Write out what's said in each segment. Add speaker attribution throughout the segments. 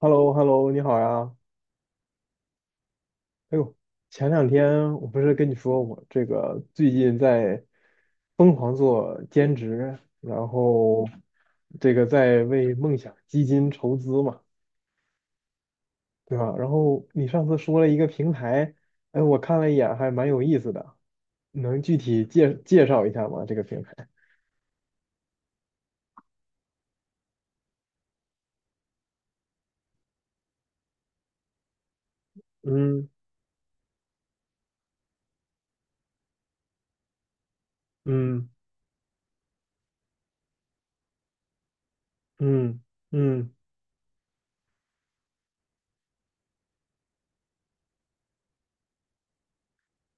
Speaker 1: h e l l o h e l l o 你好呀。哎呦，前两天我不是跟你说我这个最近在疯狂做兼职，然后这个在为梦想基金筹资嘛，对吧？然后你上次说了一个平台，哎，我看了一眼，还蛮有意思的，能具体介绍一下吗？这个平台？嗯嗯嗯嗯，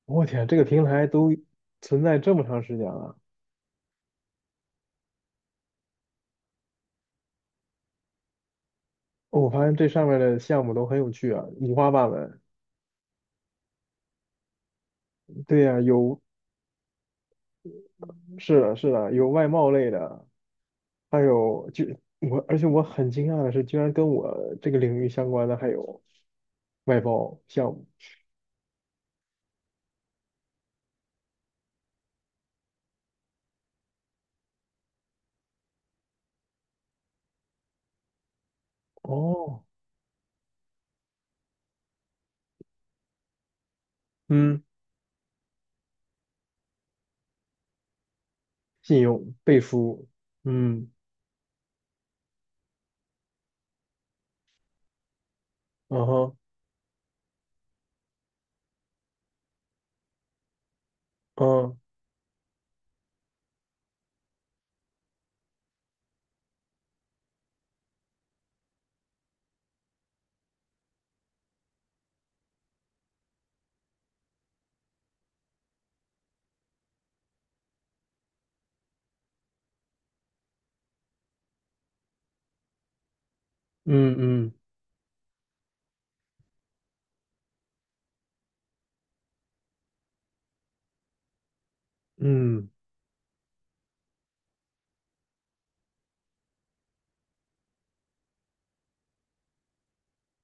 Speaker 1: 我天，这个平台都存在这么长时间了。哦我发现这上面的项目都很有趣啊，五花八门。对呀、有是的，是的，有外贸类的，还有就我，而且我很惊讶的是，居然跟我这个领域相关的还有外包项目。哦，嗯，信用背书，嗯，嗯哼，嗯嗯嗯嗯，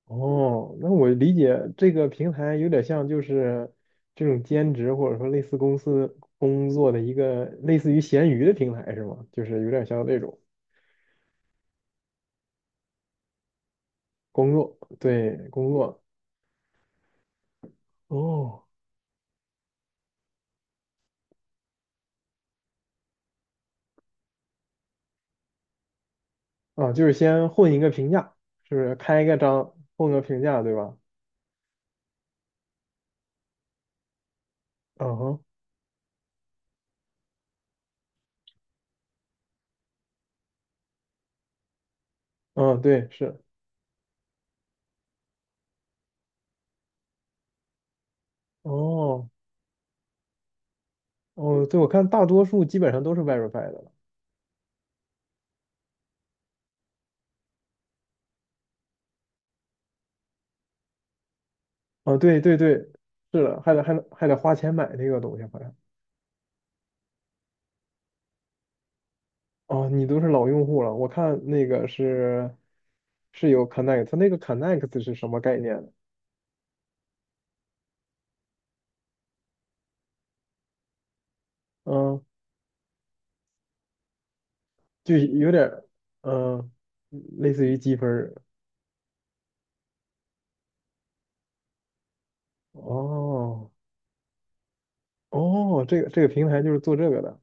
Speaker 1: 哦，那我理解这个平台有点像就是这种兼职或者说类似公司工作的一个类似于闲鱼的平台是吗？就是有点像那种工作，对，工作。哦，啊，就是先混一个评价，是不是开一个章混个评价，对吧？嗯哼，嗯，对，是，哦，哦，对，我看大多数基本上都是 Verify 的了。啊，对对对，是的，还得花钱买那个东西，好像。哦，你都是老用户了，我看那个是是有 Connect,它那个 Connect 是什么概念呢？嗯，就有点儿，嗯，类似于积分儿。哦哦，这个这个平台就是做这个的。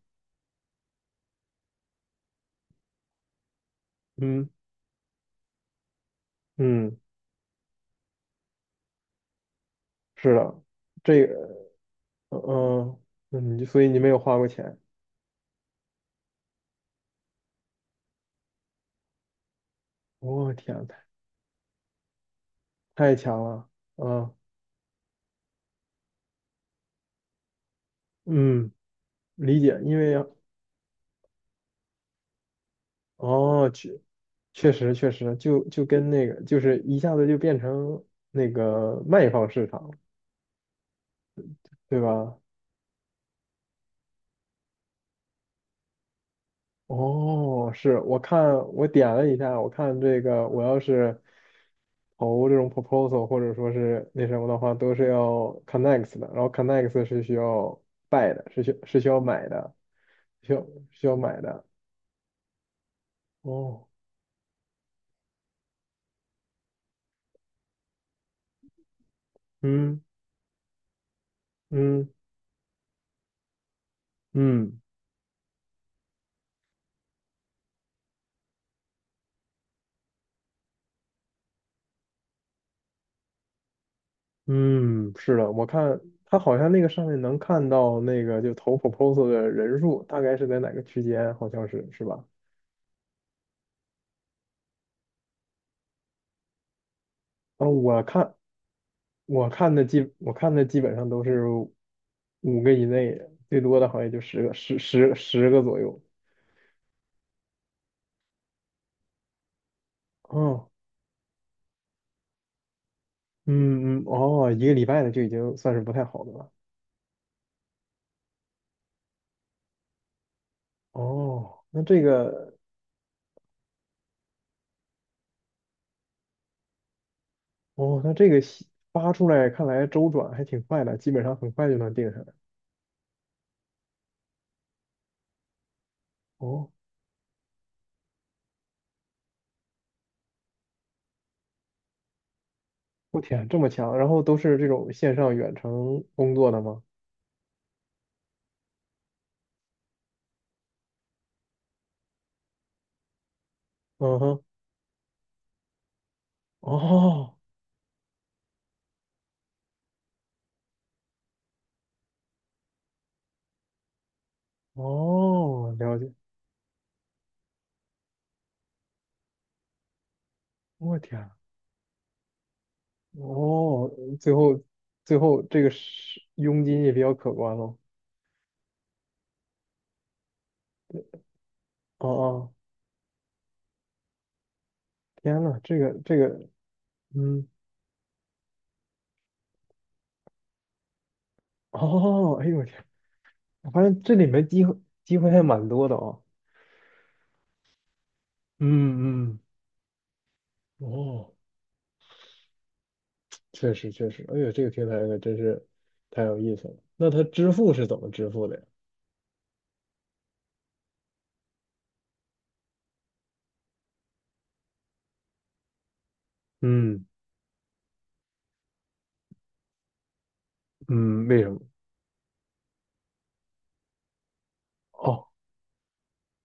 Speaker 1: 嗯嗯。是的，这个，嗯嗯，所以你没有花过钱，我、天呐，太强了，嗯嗯，理解，因为哦，确实确实,就跟那个，就是一下子就变成那个卖方市场，对吧？哦，是我看我点了一下，我看这个我要是投这种 proposal 或者说是那什么的话，都是要 connect 的，然后 connect 是需要 buy 的，是需要买的，需要需要买的。哦，嗯嗯嗯嗯，是的，我看他好像那个上面能看到那个就投 proposal 的人数大概是在哪个区间，好像是是吧？啊，我看的基本上都是五个以内的，最多的好像也就十个左右。哦，嗯嗯哦，一个礼拜的就已经算是不太好的了。哦，那这个哦，那这个发出来看来周转还挺快的，基本上很快就能定下来。哦，我天，这么强！然后都是这种线上远程工作的吗？嗯哼，哦哦，了解。我天，哦，最后最后这个是佣金也比较可观喽。哦哦，天呐，嗯，哦，哎呦我天，我发现这里面机会还蛮多的啊。嗯嗯，哦，确实确实，哎呦，这个平台可真是太有意思了。那它支付是怎么支付的呀？嗯嗯，为什么？哦，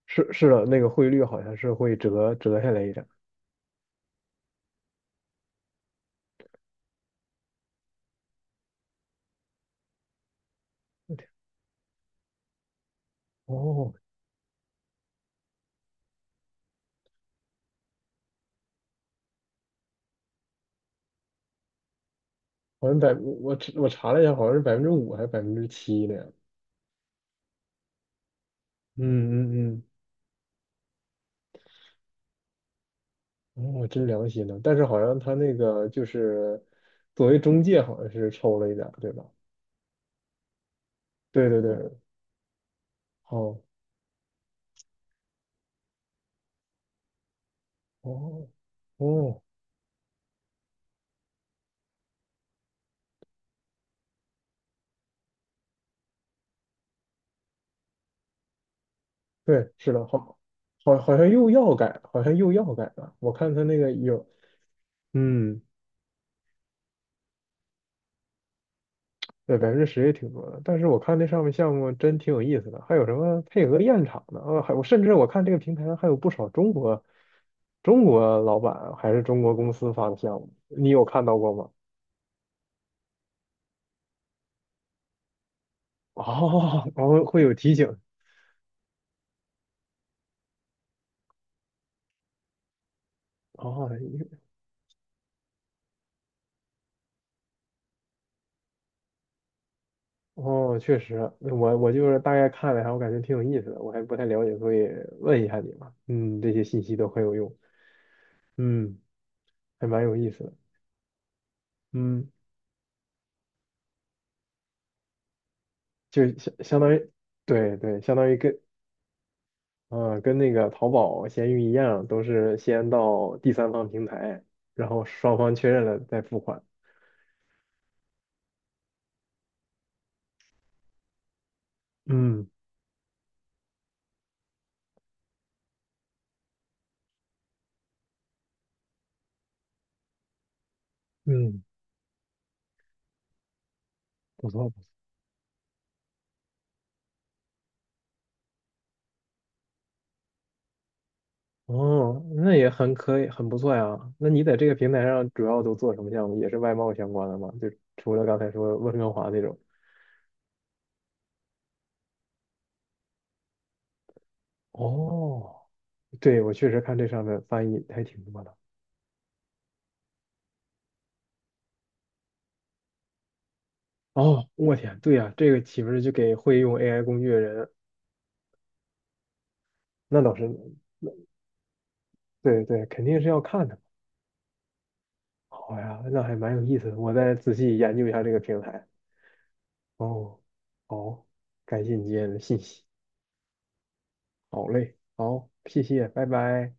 Speaker 1: 是是的，那个汇率好像是会折下来一点。哦，好像百，我我查了一下，好像是百分之五还是百分之七呢。嗯嗯嗯，我真良心呢。但是好像他那个就是作为中介，好像是抽了一点儿对吧？对对对，哦哦哦，对，是的，好，好，好像又要改，好像又要改了。我看他那个有，嗯，对，百分之十也挺多的。但是我看那上面项目真挺有意思的，还有什么配合验厂的啊，还我甚至我看这个平台上还有不少中国老板还是中国公司发的项目，你有看到过吗？哦，后会有提醒，哦，哦，确实，我我就是大概看了一下，我感觉挺有意思的，我还不太了解，所以问一下你嘛，嗯，这些信息都很有用，嗯，还蛮有意思的，嗯，就相相当于，对对，相当于跟，呃，跟那个淘宝、闲鱼一样，都是先到第三方平台，然后双方确认了再付款，嗯嗯，不错哦，那也很可以，很不错呀。那你在这个平台上主要都做什么项目？也是外贸相关的吗？就除了刚才说温哥华那种。哦，对，我确实看这上面翻译还挺多的。哦，我天，对呀，这个岂不是就给会用 AI 工具的人？那倒是，对对，肯定是要看的。好呀，那还蛮有意思的，我再仔细研究一下这个平台。哦，好，感谢你今天的信息。好嘞，好，谢谢，拜拜。